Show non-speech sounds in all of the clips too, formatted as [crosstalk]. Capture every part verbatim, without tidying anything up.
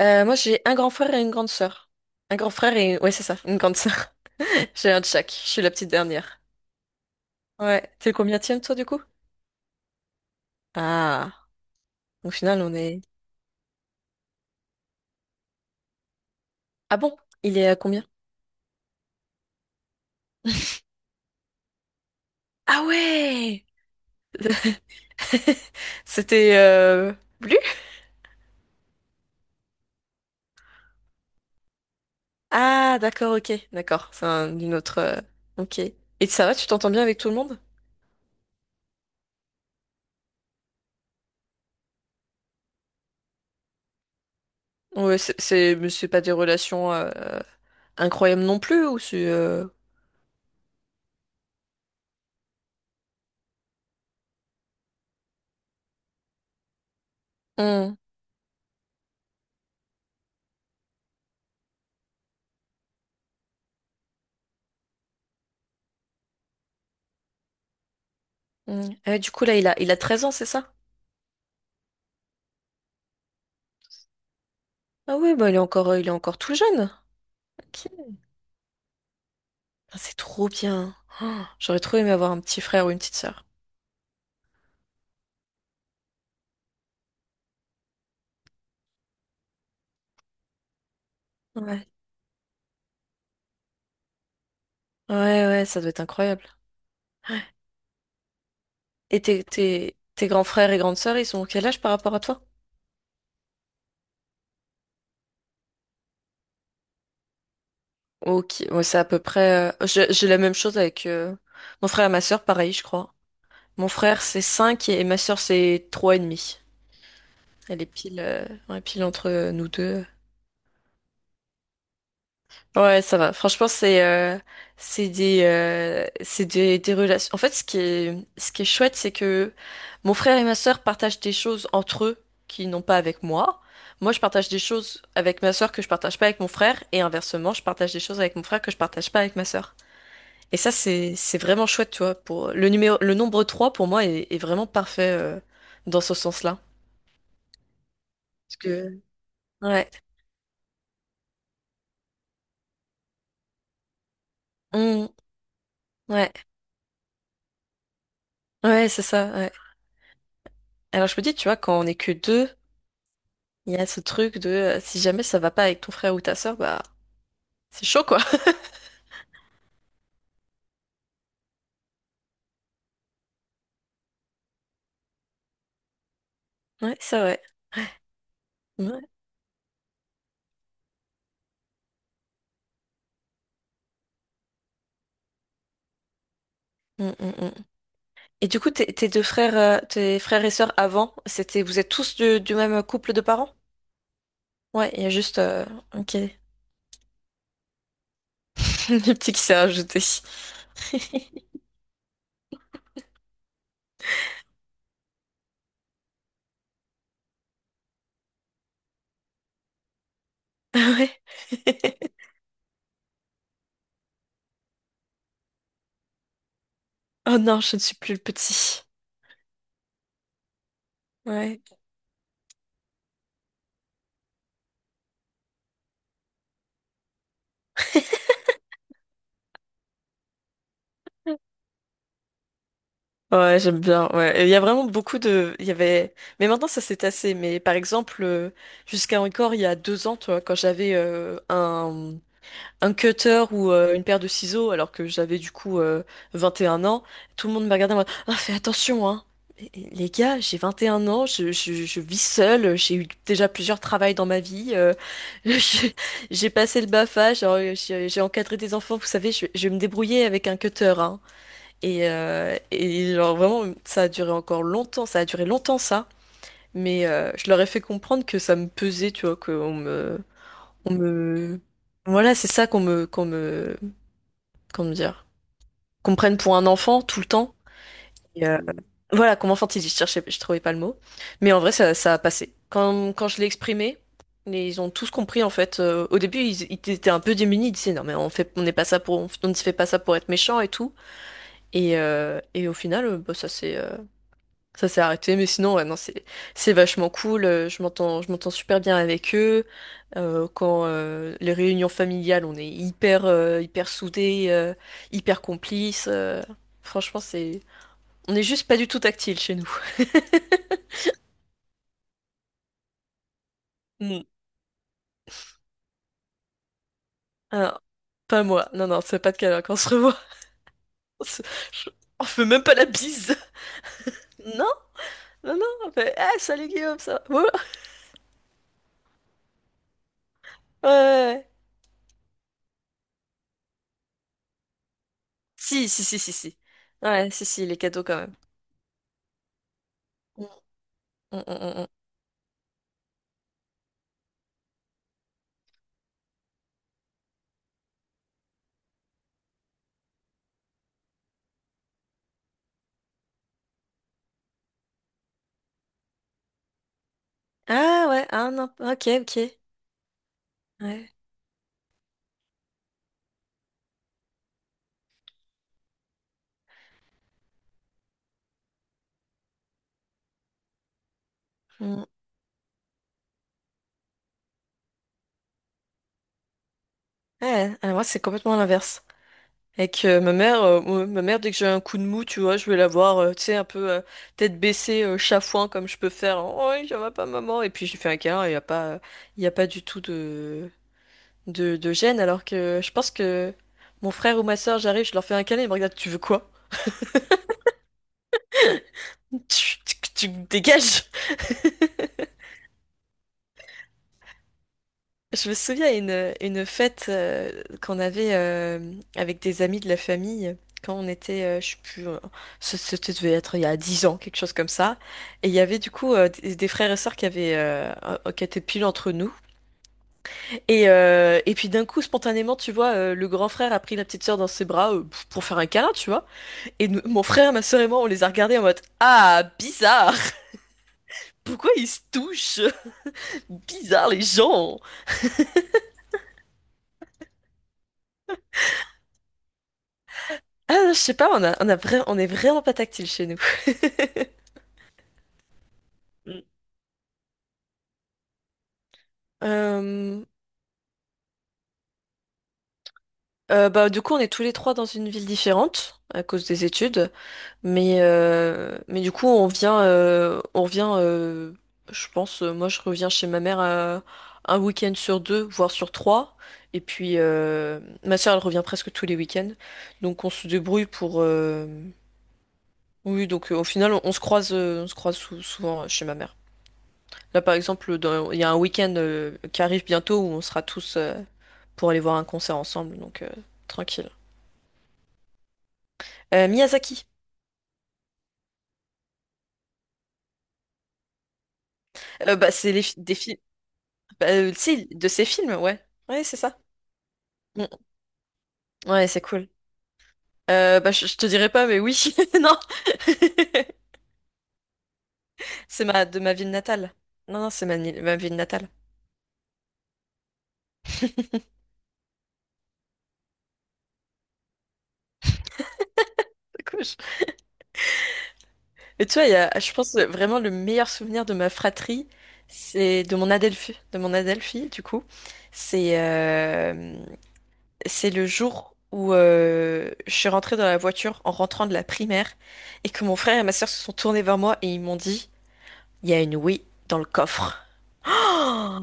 Euh, moi, j'ai un grand frère et une grande sœur. Un grand frère et ouais, c'est ça, une grande sœur. [laughs] J'ai un de chaque. Je suis la petite dernière. Ouais. T'es le combienième, toi, du coup? Ah. Au final, on est... Ah bon? Il est à combien? Ah ouais! [laughs] C'était... Euh... Bleu? Ah, d'accord, ok. D'accord. C'est un- une autre, euh, ok. Et ça va, tu t'entends bien avec tout le monde? Ouais, c'est... c'est- mais c'est pas des relations euh, incroyables non plus, ou c'est... euh, Hum, hum. Ah ouais, du coup, là, il a, il a treize ans, c'est ça? Ah ouais, bah il est encore, euh, il est encore tout jeune. Ok. Ah, c'est trop bien. Oh, j'aurais trop aimé avoir un petit frère ou une petite sœur. Ouais. Ouais, ouais, ça doit être incroyable. Et tes, tes, tes grands frères et grandes sœurs, ils sont quel âge par rapport à toi? Ok, ouais, c'est à peu près. euh, J'ai j'ai la même chose avec euh, mon frère et ma sœur, pareil, je crois. Mon frère, c'est cinq et ma sœur, c'est trois et demi. Elle est pile, euh, ouais, pile entre nous deux. Ouais, ça va. Franchement, c'est euh, c'est des euh, c'est des, des relations. En fait, ce qui est ce qui est chouette, c'est que mon frère et ma sœur partagent des choses entre eux qu'ils n'ont pas avec moi. Moi, je partage des choses avec ma sœur que je partage pas avec mon frère, et inversement, je partage des choses avec mon frère que je partage pas avec ma sœur. Et ça, c'est c'est vraiment chouette, tu vois. Pour le numéro le nombre trois pour moi est, est vraiment parfait euh, dans ce sens-là. Parce que ouais. Hum, ouais, ouais, c'est ça. Ouais. Alors je me dis, tu vois, quand on est que deux. Il y a ce truc de euh, si jamais ça va pas avec ton frère ou ta sœur, bah c'est chaud quoi. [laughs] Ouais, c'est vrai. Ouais. Mm, mm, mm. Et du coup, tes tes deux frères, euh, tes frères et sœurs avant, c'était vous êtes tous du, du même couple de parents? Ouais, il y a juste euh, ok, [laughs] le petit qui s'est rajouté. [laughs] Ah ouais. [laughs] Oh non, je ne suis plus le petit. Ouais. [laughs] Ouais, j'aime bien. Ouais. Et il y a vraiment beaucoup de. Il y avait. Mais maintenant, ça s'est tassé. Mais par exemple, euh, jusqu'à encore il y a deux ans, tu vois, quand j'avais euh, un un cutter ou euh, une paire de ciseaux alors que j'avais du coup euh, vingt et un ans, tout le monde me regardait en mode «Ah, fais attention, hein!» Mais, les gars, j'ai vingt et un ans, je, je, je vis seule, j'ai eu déjà plusieurs travails dans ma vie, euh, [laughs] je- j'ai passé le BAFA, genre, j'ai j'ai encadré des enfants, vous savez, je, je vais me débrouiller avec un cutter, hein. Et, euh, et genre vraiment, ça a duré encore longtemps, ça a duré longtemps ça, mais euh, je leur ai fait comprendre que ça me pesait, tu vois, qu'on me, on me, voilà, c'est ça qu'on me, qu'on me, comment dire, qu'on me prenne pour un enfant tout le temps. Et, euh, voilà, comme enfantiliste, je cherchais, je trouvais pas le mot. Mais en vrai, ça, ça a passé. Quand, quand je l'ai exprimé, les- ils ont tous compris en fait. Euh, au début, ils, ils étaient un peu démunis. Ils disaient non, mais on fait, on n'est pas ça pour, on, on ne se fait pas ça pour être méchant et tout. Et, euh, et au final, euh, bah, ça s'est, euh, ça s'est arrêté. Mais sinon, ouais, non, c'est, c'est vachement cool. Euh, Je m'entends, je m'entends super bien avec eux. Euh, quand euh, les réunions familiales, on est hyper, euh, hyper soudés, euh, hyper complices. Euh, franchement, c'est, on n'est juste pas du tout tactile chez nous. Mm. Ah, pas moi. Non, non, c'est pas de câlin quand on se revoit. [laughs] On je- on fait même pas la bise. Non, non, non. On fait, ah, salut Guillaume, ça va. Ouais, ouais, ouais, ouais. Si, si, si, si, si. Ouais, si, si, les cadeaux quand même. Mm, mm, mm, mm. Ah ouais, ah non, ok, ok. Ouais. Mm. Ouais, ah, moi c'est complètement l'inverse. Avec euh, ma mère, euh, ouais, ma mère, dès que j'ai un coup de mou, tu vois, je vais la voir, euh, tu sais, un peu euh, tête baissée, euh, chafouin, comme je peux faire. Oh, ça va pas, maman. Et puis j'ai fait un câlin, il n'y a pas, il y a pas du tout de, de, de gêne. Alors que je pense que mon frère ou ma soeur, j'arrive, je leur fais un câlin, ils me regardent, tu veux quoi? [laughs] Tu, tu, tu me dégages! Je me souviens une, une fête euh, qu'on avait euh, avec des amis de la famille quand on était, euh, je sais plus, euh, ce- c'était devait être il y a dix ans, quelque chose comme ça. Et il y avait du coup euh, des, des frères et sœurs qui avaient, euh, euh, qui étaient pile entre nous. Et, euh, et puis d'un coup, spontanément, tu vois, euh, le grand frère a pris la petite sœur dans ses bras euh, pour pour faire un câlin, tu vois. Et nous- mon frère, ma sœur et moi, on les a regardés en mode, ah, bizarre! Pourquoi ils se touchent? [laughs] Bizarre les gens! Ah, non, je sais pas, on a, on a vra- on est vraiment pas tactile chez nous. [laughs] Mm. Euh, euh, Bah, du coup, on est tous les trois dans une ville différente à cause des études, mais, euh, mais du coup, on vient, euh, on revient, euh, je pense, euh, moi je reviens chez ma mère euh, un week-end sur deux, voire sur trois, et puis euh, ma soeur elle revient presque tous les week-ends, donc on se débrouille pour. euh, Oui, donc euh, au final, on, on se croise, euh, on se croise sou- souvent euh, chez ma mère. Là, par exemple, dans- il y a un week-end euh, qui arrive bientôt où on sera tous euh, pour aller voir un concert ensemble, donc euh, tranquille. Euh, Miyazaki. Euh, bah, c'est les fi- des films, bah, euh, tu sais, de ses films, ouais. Ouais, c'est ça. Mm. Mm. Ouais, c'est cool. Euh, bah, je, je te dirai pas, mais oui, [laughs] non. [laughs] C'est ma, de ma ville natale. Non, non, c'est ma, ni- ma ville natale. [laughs] Couche. Et tu vois, il y a, je pense euh, vraiment le meilleur souvenir de ma fratrie, c'est de mon Adelphi, de mon Adelphi, du coup. C'est euh, c'est le jour où euh, je suis rentrée dans la voiture en rentrant de la primaire et que mon frère et ma sœur se sont tournés vers moi et ils m'ont dit, il y a une Wii dans le coffre. Oh,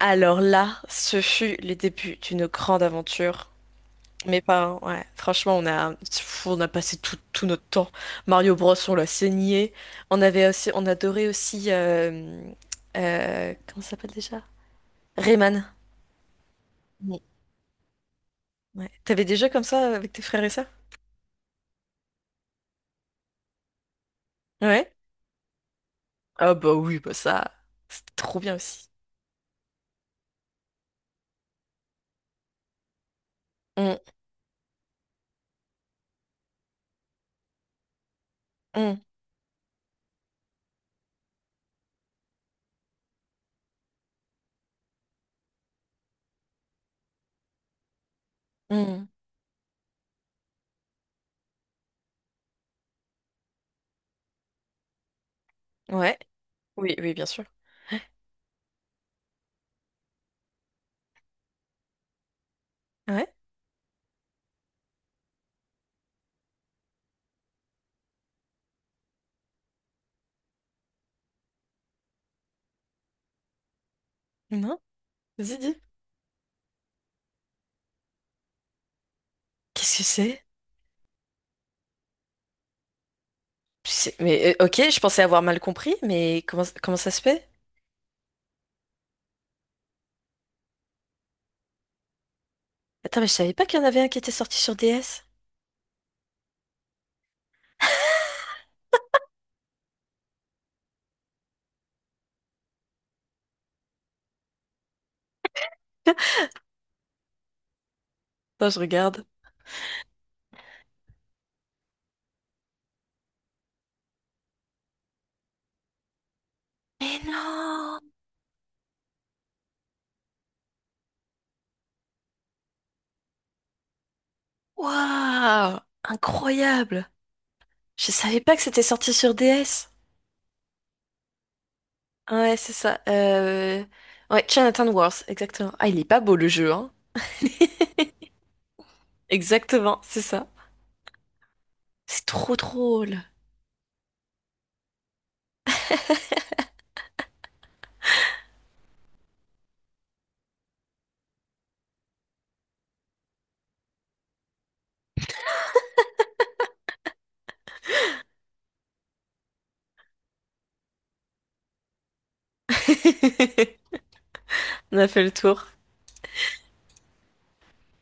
alors là, ce fut le début d'une grande aventure. Mes parents, ouais, franchement, on a, pff, on a passé tout, tout notre temps. Mario Bros, on l'a saigné. On avait aussi, on adorait aussi, euh, euh, comment ça s'appelle déjà? Rayman. Mm. Ouais. T'avais des jeux comme ça avec tes frères et sœurs? Ouais. Ah bah oui, bah ça, c'est trop bien aussi. Mm, mm, mm. Ouais, oui, oui, bien sûr. Ouais, non, vas-y, dis. Qu'est-ce que c'est? C'est- Mais euh, ok, je pensais avoir mal compris, mais comment, comment ça se fait? Attends, mais je savais pas qu'il y en avait un qui était sorti sur D S. Attends, [laughs] je regarde. Mais non! Waouh! Incroyable! Je savais pas que c'était sorti sur D S. Ouais, c'est ça. Euh... Ouais, Jonathan Worth, exactement. Ah, il est pas beau le jeu, hein? Exactement, c'est ça. C'est trop drôle. On a fait le tour.